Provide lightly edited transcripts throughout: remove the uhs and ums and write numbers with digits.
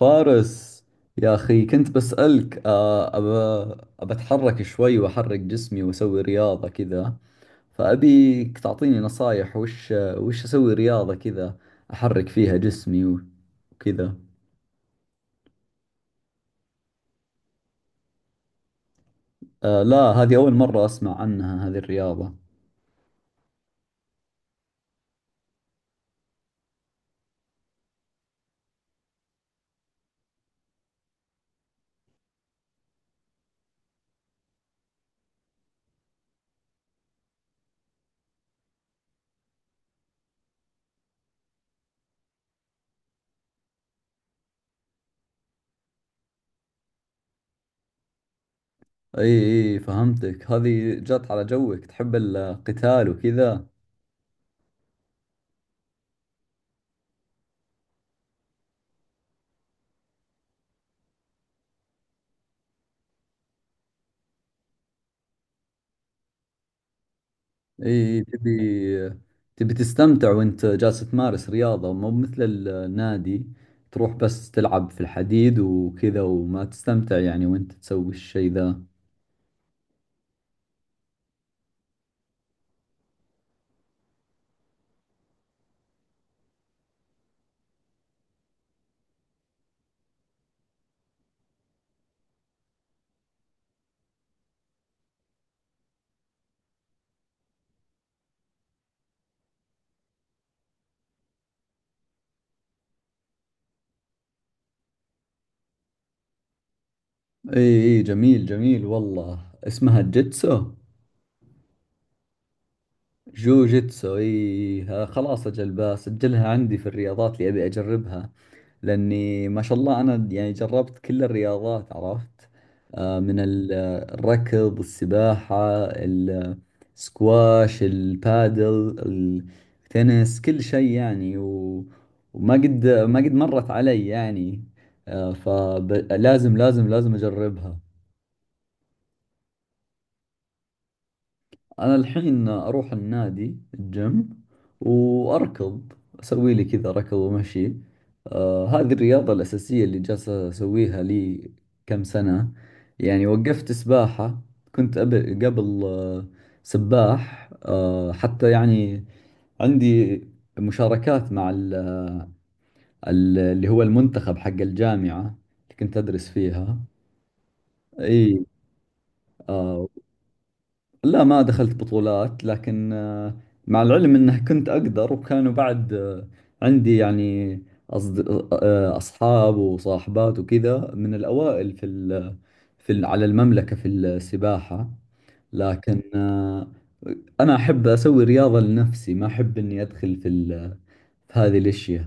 فارس، يا أخي كنت بسألك أبى أتحرك شوي وأحرك جسمي وأسوي رياضة كذا. فأبيك تعطيني نصايح وش أسوي رياضة كذا، أحرك فيها جسمي وكذا. آه، لا، هذه أول مرة أسمع عنها هذه الرياضة. إي، إي فهمتك، هذه جات على جوك، تحب القتال وكذا. اي، تبي، تبي تستمتع وانت جالس تمارس رياضة، مو مثل النادي تروح بس تلعب في الحديد وكذا وما تستمتع يعني وانت تسوي الشيء ذا. اي اي، جميل جميل والله. اسمها الجيتسو؟ جوجيتسو، اي. خلاص، اجل بسجلها عندي في الرياضات اللي ابي اجربها، لاني ما شاء الله انا يعني جربت كل الرياضات، عرفت آه، من ال- الركض، السباحة، السكواش، البادل، التنس، كل شيء يعني وما قد ما قد مرت علي يعني. فلازم لازم لازم اجربها. أنا الحين أروح النادي، الجيم، وأركض، أسوي لي كذا ركض ومشي. آه، هذه الرياضة الأساسية اللي جالسة أسويها لي كم سنة. يعني وقفت سباحة، قبل سباح آه، حتى يعني عندي مشاركات مع اللي هو المنتخب حق الجامعة اللي كنت أدرس فيها. إي. آه، لا ما دخلت بطولات، لكن مع العلم انه كنت اقدر، وكانوا بعد عندي يعني أصد... آه، اصحاب وصاحبات وكذا من الاوائل على المملكة في السباحة. لكن انا احب اسوي رياضة لنفسي، ما احب اني ادخل في هذه الاشياء.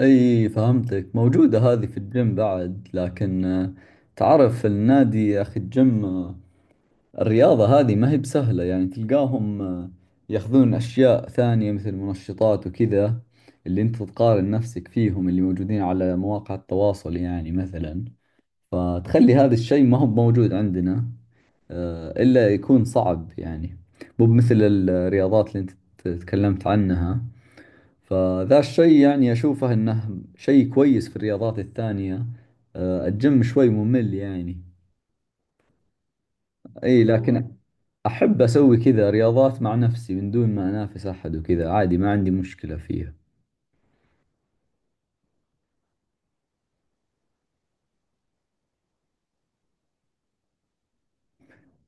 اي فهمتك، موجودة هذه في الجيم بعد، لكن تعرف النادي يا اخي، الجيم الرياضة هذه ما هي بسهلة، يعني تلقاهم ياخذون أشياء ثانية مثل منشطات وكذا، اللي أنت تقارن نفسك فيهم، اللي موجودين على مواقع التواصل يعني مثلا، فتخلي هذا الشيء ما هو موجود عندنا إلا يكون صعب يعني، مو مثل الرياضات اللي أنت تكلمت عنها. فذا الشيء يعني أشوفه أنه شيء كويس في الرياضات الثانية. الجيم شوي ممل يعني. أي، لكن أحب أسوي كذا رياضات مع نفسي من دون ما أنافس أحد وكذا، عادي، ما عندي مشكلة فيها.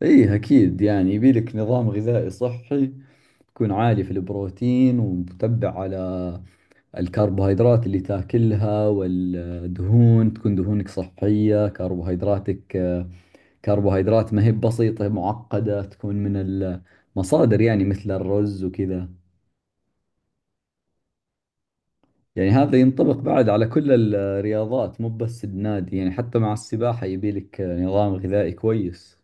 إيه أكيد، يعني يبيلك نظام غذائي صحي، تكون عالي في البروتين، ومتبع على الكربوهيدرات اللي تاكلها، والدهون تكون دهونك صحية، كربوهيدراتك، كربوهيدرات ما هي بسيطة، معقدة، تكون من المصادر يعني مثل الرز وكذا. يعني هذا ينطبق بعد على كل الرياضات، مو بس النادي، يعني حتى مع السباحة يبي لك نظام غذائي كويس.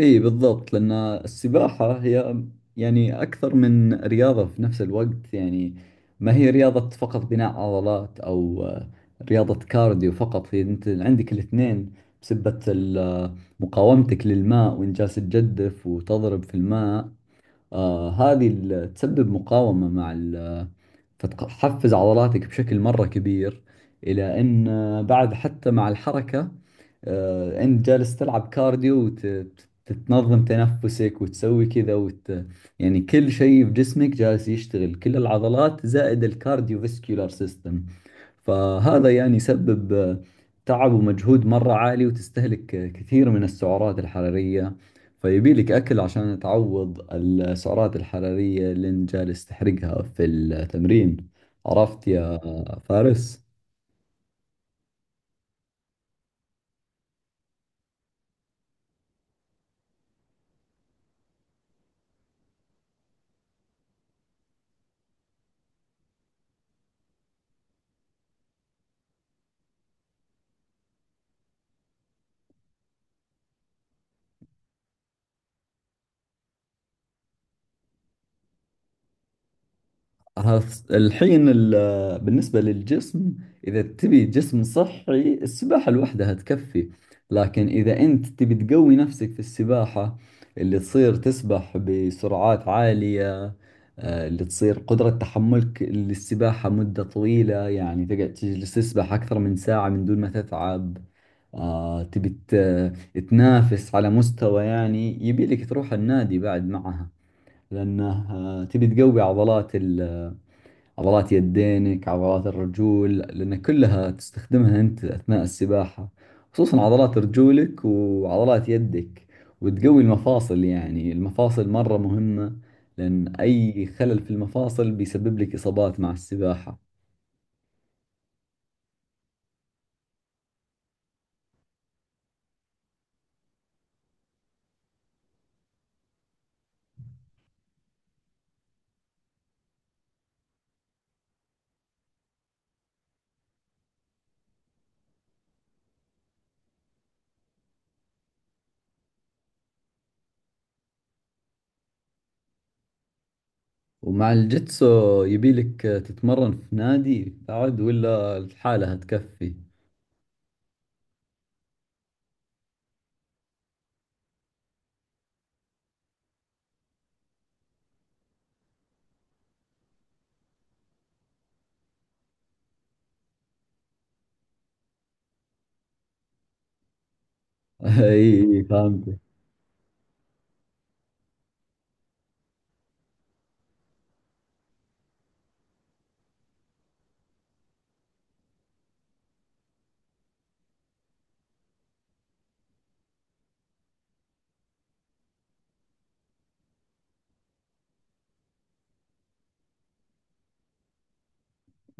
اي بالضبط، لأن السباحة هي يعني أكثر من رياضة في نفس الوقت يعني، ما هي رياضة فقط بناء عضلات، أو رياضة كارديو فقط، هي أنت عندك الاثنين، بسبة مقاومتك للماء، وإن جالس تجدف وتضرب في الماء. آه، تسبب مقاومة، مع فتحفز عضلاتك بشكل مرة كبير، إلى أن بعد حتى مع الحركة أنت جالس تلعب كارديو، وتتنظم تنفسك وتسوي كذا يعني كل شيء في جسمك جالس يشتغل، كل العضلات زائد الكارديو فيسكولار سيستم. فهذا يعني يسبب تعب ومجهود مرة عالي، وتستهلك كثير من السعرات الحرارية، فيبي لك أكل عشان تعوض السعرات الحرارية اللي انت جالس تحرقها في التمرين. عرفت يا فارس؟ الحين بالنسبة للجسم، إذا تبي جسم صحي السباحة لوحدها تكفي. لكن إذا أنت تبي تقوي نفسك في السباحة، اللي تصير تسبح بسرعات عالية، اللي تصير قدرة تحملك للسباحة مدة طويلة، يعني تجلس تسبح أكثر من ساعة من دون ما تتعب، تبي تنافس على مستوى، يعني يبي لك تروح النادي بعد معها، لأنه تبي تقوي عضلات، عضلات يدينك، عضلات الرجول، لأن كلها تستخدمها أنت أثناء السباحة، خصوصا عضلات رجولك وعضلات يدك، وتقوي المفاصل، يعني المفاصل مرة مهمة، لأن أي خلل في المفاصل بيسبب لك إصابات مع السباحة. ومع الجيتسو يبيلك تتمرن في نادي بعد، ولا الحالة هتكفي؟ أي فهمت.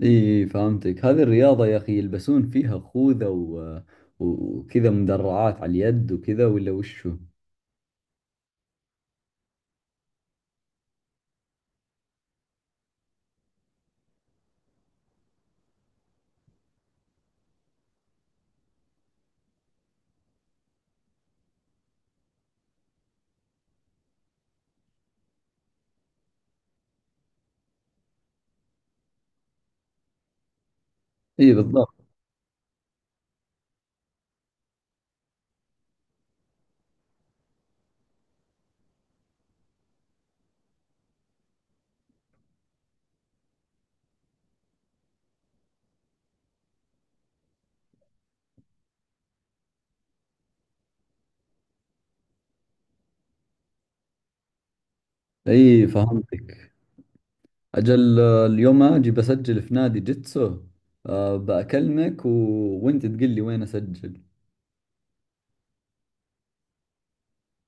اي فهمتك، هذه الرياضة يا اخي يلبسون فيها خوذة وكذا مدرعات على اليد وكذا، ولا وشو؟ اي بالضبط. اي فهمتك. اجل اليوم اجي بسجل في نادي جيتسو، بأكلمك وانت تقول لي وين اسجل.